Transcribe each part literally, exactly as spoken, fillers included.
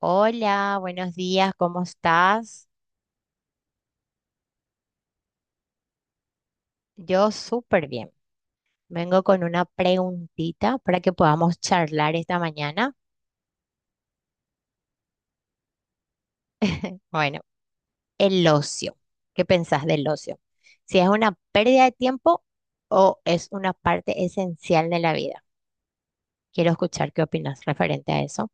Hola, buenos días, ¿cómo estás? Yo súper bien. Vengo con una preguntita para que podamos charlar esta mañana. Bueno, el ocio. ¿Qué pensás del ocio? Si es una pérdida de tiempo o es una parte esencial de la vida. Quiero escuchar qué opinas referente a eso.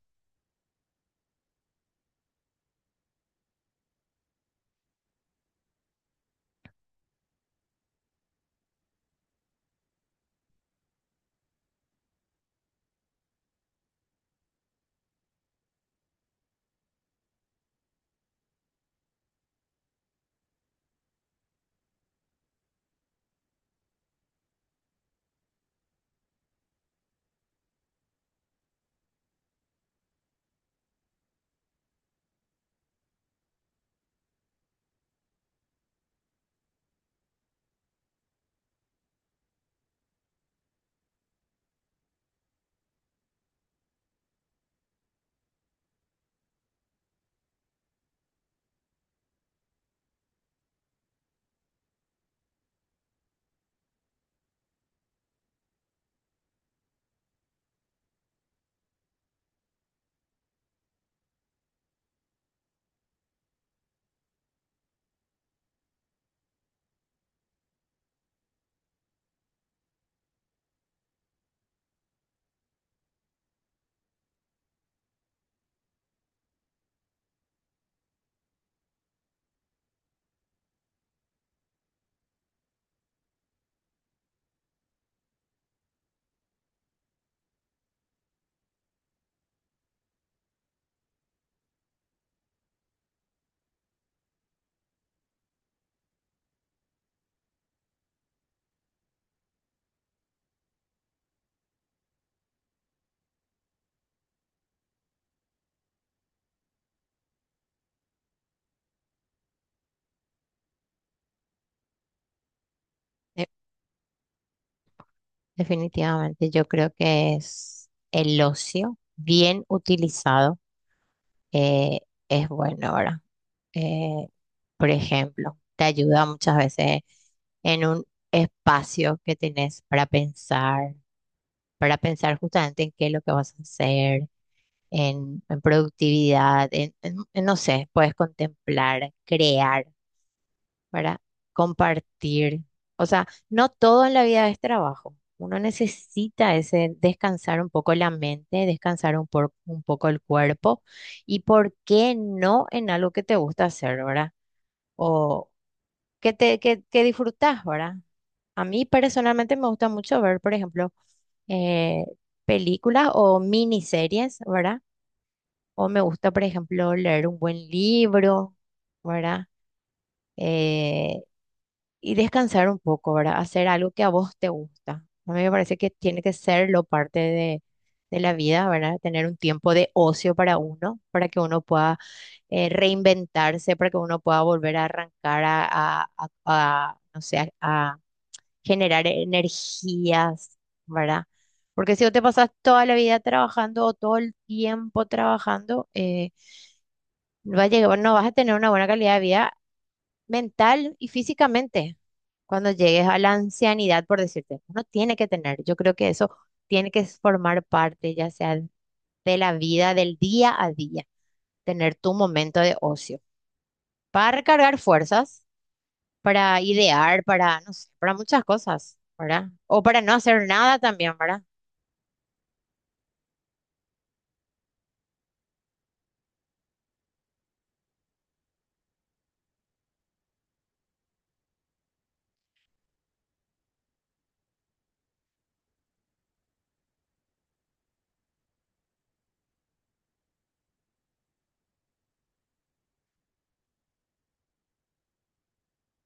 Eh, Definitivamente yo creo que es el ocio bien utilizado. eh, es bueno ahora. Eh, por ejemplo, te ayuda muchas veces en un espacio que tenés para pensar, para pensar justamente en qué es lo que vas a hacer, en, en productividad, en, en- en, no sé, puedes contemplar, crear, para compartir. O sea, no todo en la vida es trabajo. Uno necesita ese descansar un poco la mente, descansar un, por- un poco el cuerpo y por qué no en algo que te gusta hacer, ¿verdad? O que te que, que disfrutás, ¿verdad? A mí personalmente me gusta mucho ver, por ejemplo, eh, películas o miniseries, ¿verdad? O me gusta, por ejemplo, leer un buen libro, ¿verdad? Eh, y descansar un poco, ¿verdad? Hacer algo que a vos te gusta. A mí me parece que tiene que ser lo parte de, de la vida, ¿verdad? Tener un tiempo de ocio para uno, para que uno pueda eh, reinventarse, para que uno pueda volver a arrancar a, a, a- a, no sé, a generar energías, ¿verdad? Porque si vos te pasas toda la vida trabajando o todo el tiempo trabajando, eh, va a llegar- no vas a tener una buena calidad de vida mental y físicamente cuando llegues a la ancianidad, por decirte. Uno tiene que tener, yo creo que eso tiene que formar parte, ya sea de la vida, del día a día, tener tu momento de ocio para recargar fuerzas, para idear, para, no sé, para muchas cosas, ¿verdad? O para no hacer nada también, ¿verdad?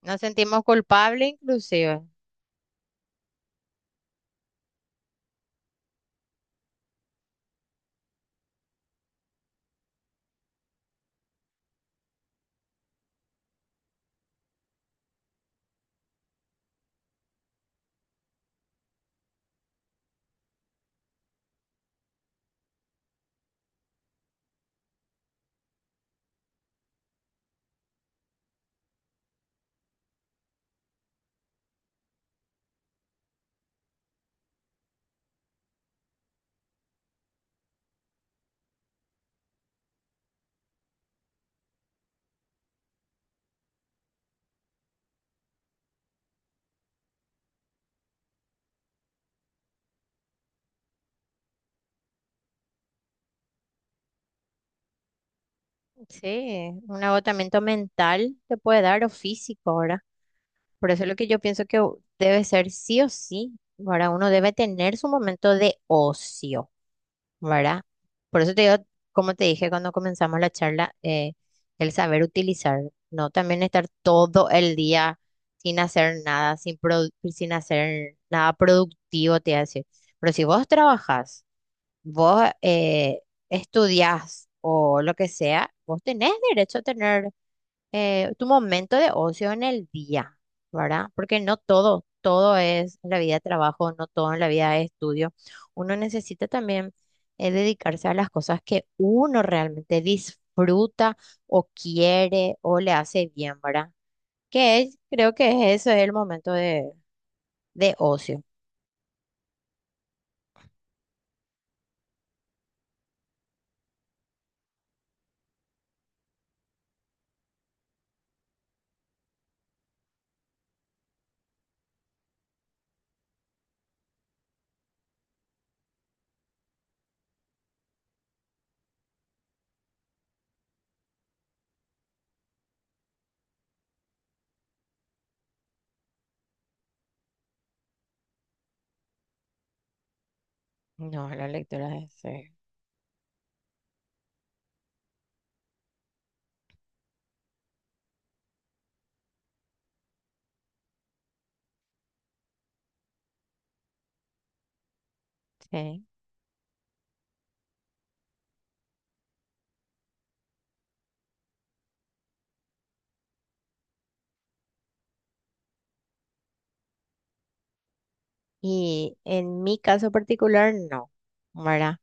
Nos sentimos culpables inclusive. Sí, un agotamiento mental te puede dar o físico, ¿verdad? Por eso es lo que yo pienso que u- debe ser sí o sí, ¿verdad? Uno debe tener su momento de ocio, ¿verdad? Por eso te digo, como te dije cuando comenzamos la charla, eh, el saber utilizar, ¿no? También estar todo el día sin hacer nada, sin, produ- sin hacer nada productivo, te voy a decir. Pero si vos trabajás, vos eh, estudiás o lo que sea, vos tenés derecho a tener eh, tu momento de ocio en el día, ¿verdad? Porque no todo, todo es en la vida de trabajo, no todo en la vida de estudio. Uno necesita también eh, dedicarse a las cosas que uno realmente disfruta o quiere o le hace bien, ¿verdad? Que es- creo que es eso es el momento de, de ocio. No, la lectura es sí. Sí. Y en mi caso particular, no, ¿verdad?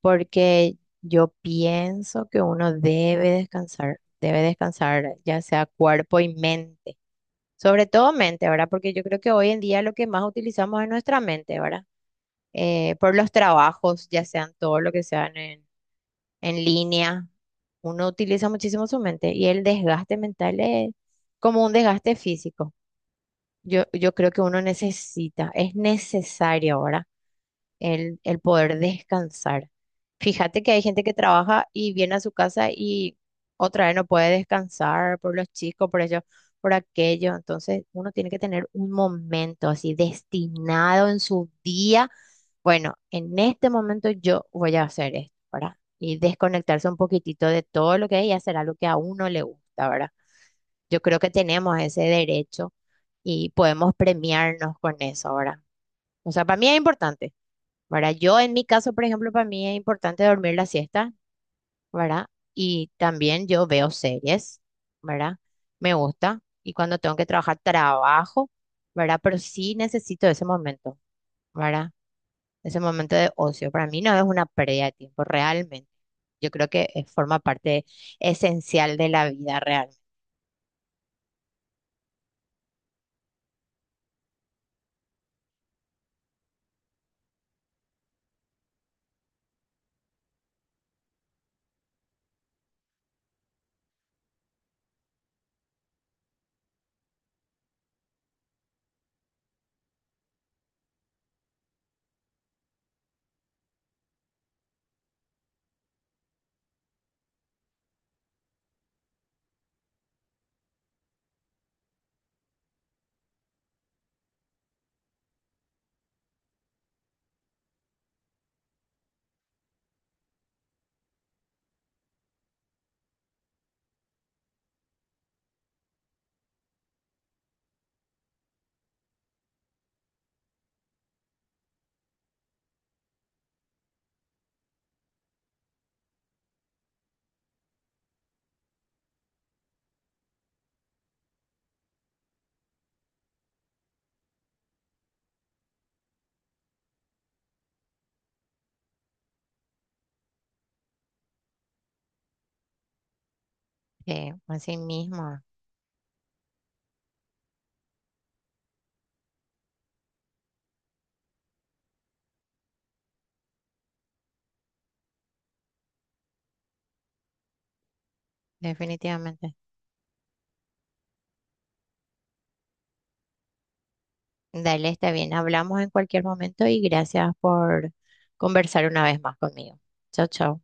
Porque yo pienso que uno debe descansar, debe descansar ya sea cuerpo y mente, sobre todo mente, ¿verdad? Porque yo creo que hoy en día lo que más utilizamos es nuestra mente, ¿verdad? Eh, por los trabajos, ya sean todo lo que sean en, en línea, uno utiliza muchísimo su mente y el desgaste mental es como un desgaste físico. Yo, yo creo que uno necesita, es necesario ahora el, el poder descansar. Fíjate que hay gente que trabaja y viene a su casa y otra vez no puede descansar por los chicos, por ello, por aquello. Entonces uno tiene que tener un momento así destinado en su día. Bueno, en este momento yo voy a hacer esto, ¿verdad? Y desconectarse un poquitito de todo lo que hay y hacer algo que a uno le gusta, ¿verdad? Yo creo que tenemos ese derecho y podemos premiarnos con eso, ¿verdad? O sea, para mí es importante, ¿verdad? Yo en mi caso, por ejemplo, para mí es importante dormir la siesta, ¿verdad? Y también yo veo series, ¿verdad? Me gusta y cuando tengo que trabajar, trabajo, ¿verdad? Pero sí necesito ese momento, ¿verdad? Ese momento de ocio. Para mí no es una pérdida de tiempo, realmente. Yo creo que eh, forma parte esencial de la vida real. Sí, así mismo, definitivamente. Dale, está bien. Hablamos en cualquier momento y gracias por conversar una vez más conmigo. Chao, chao.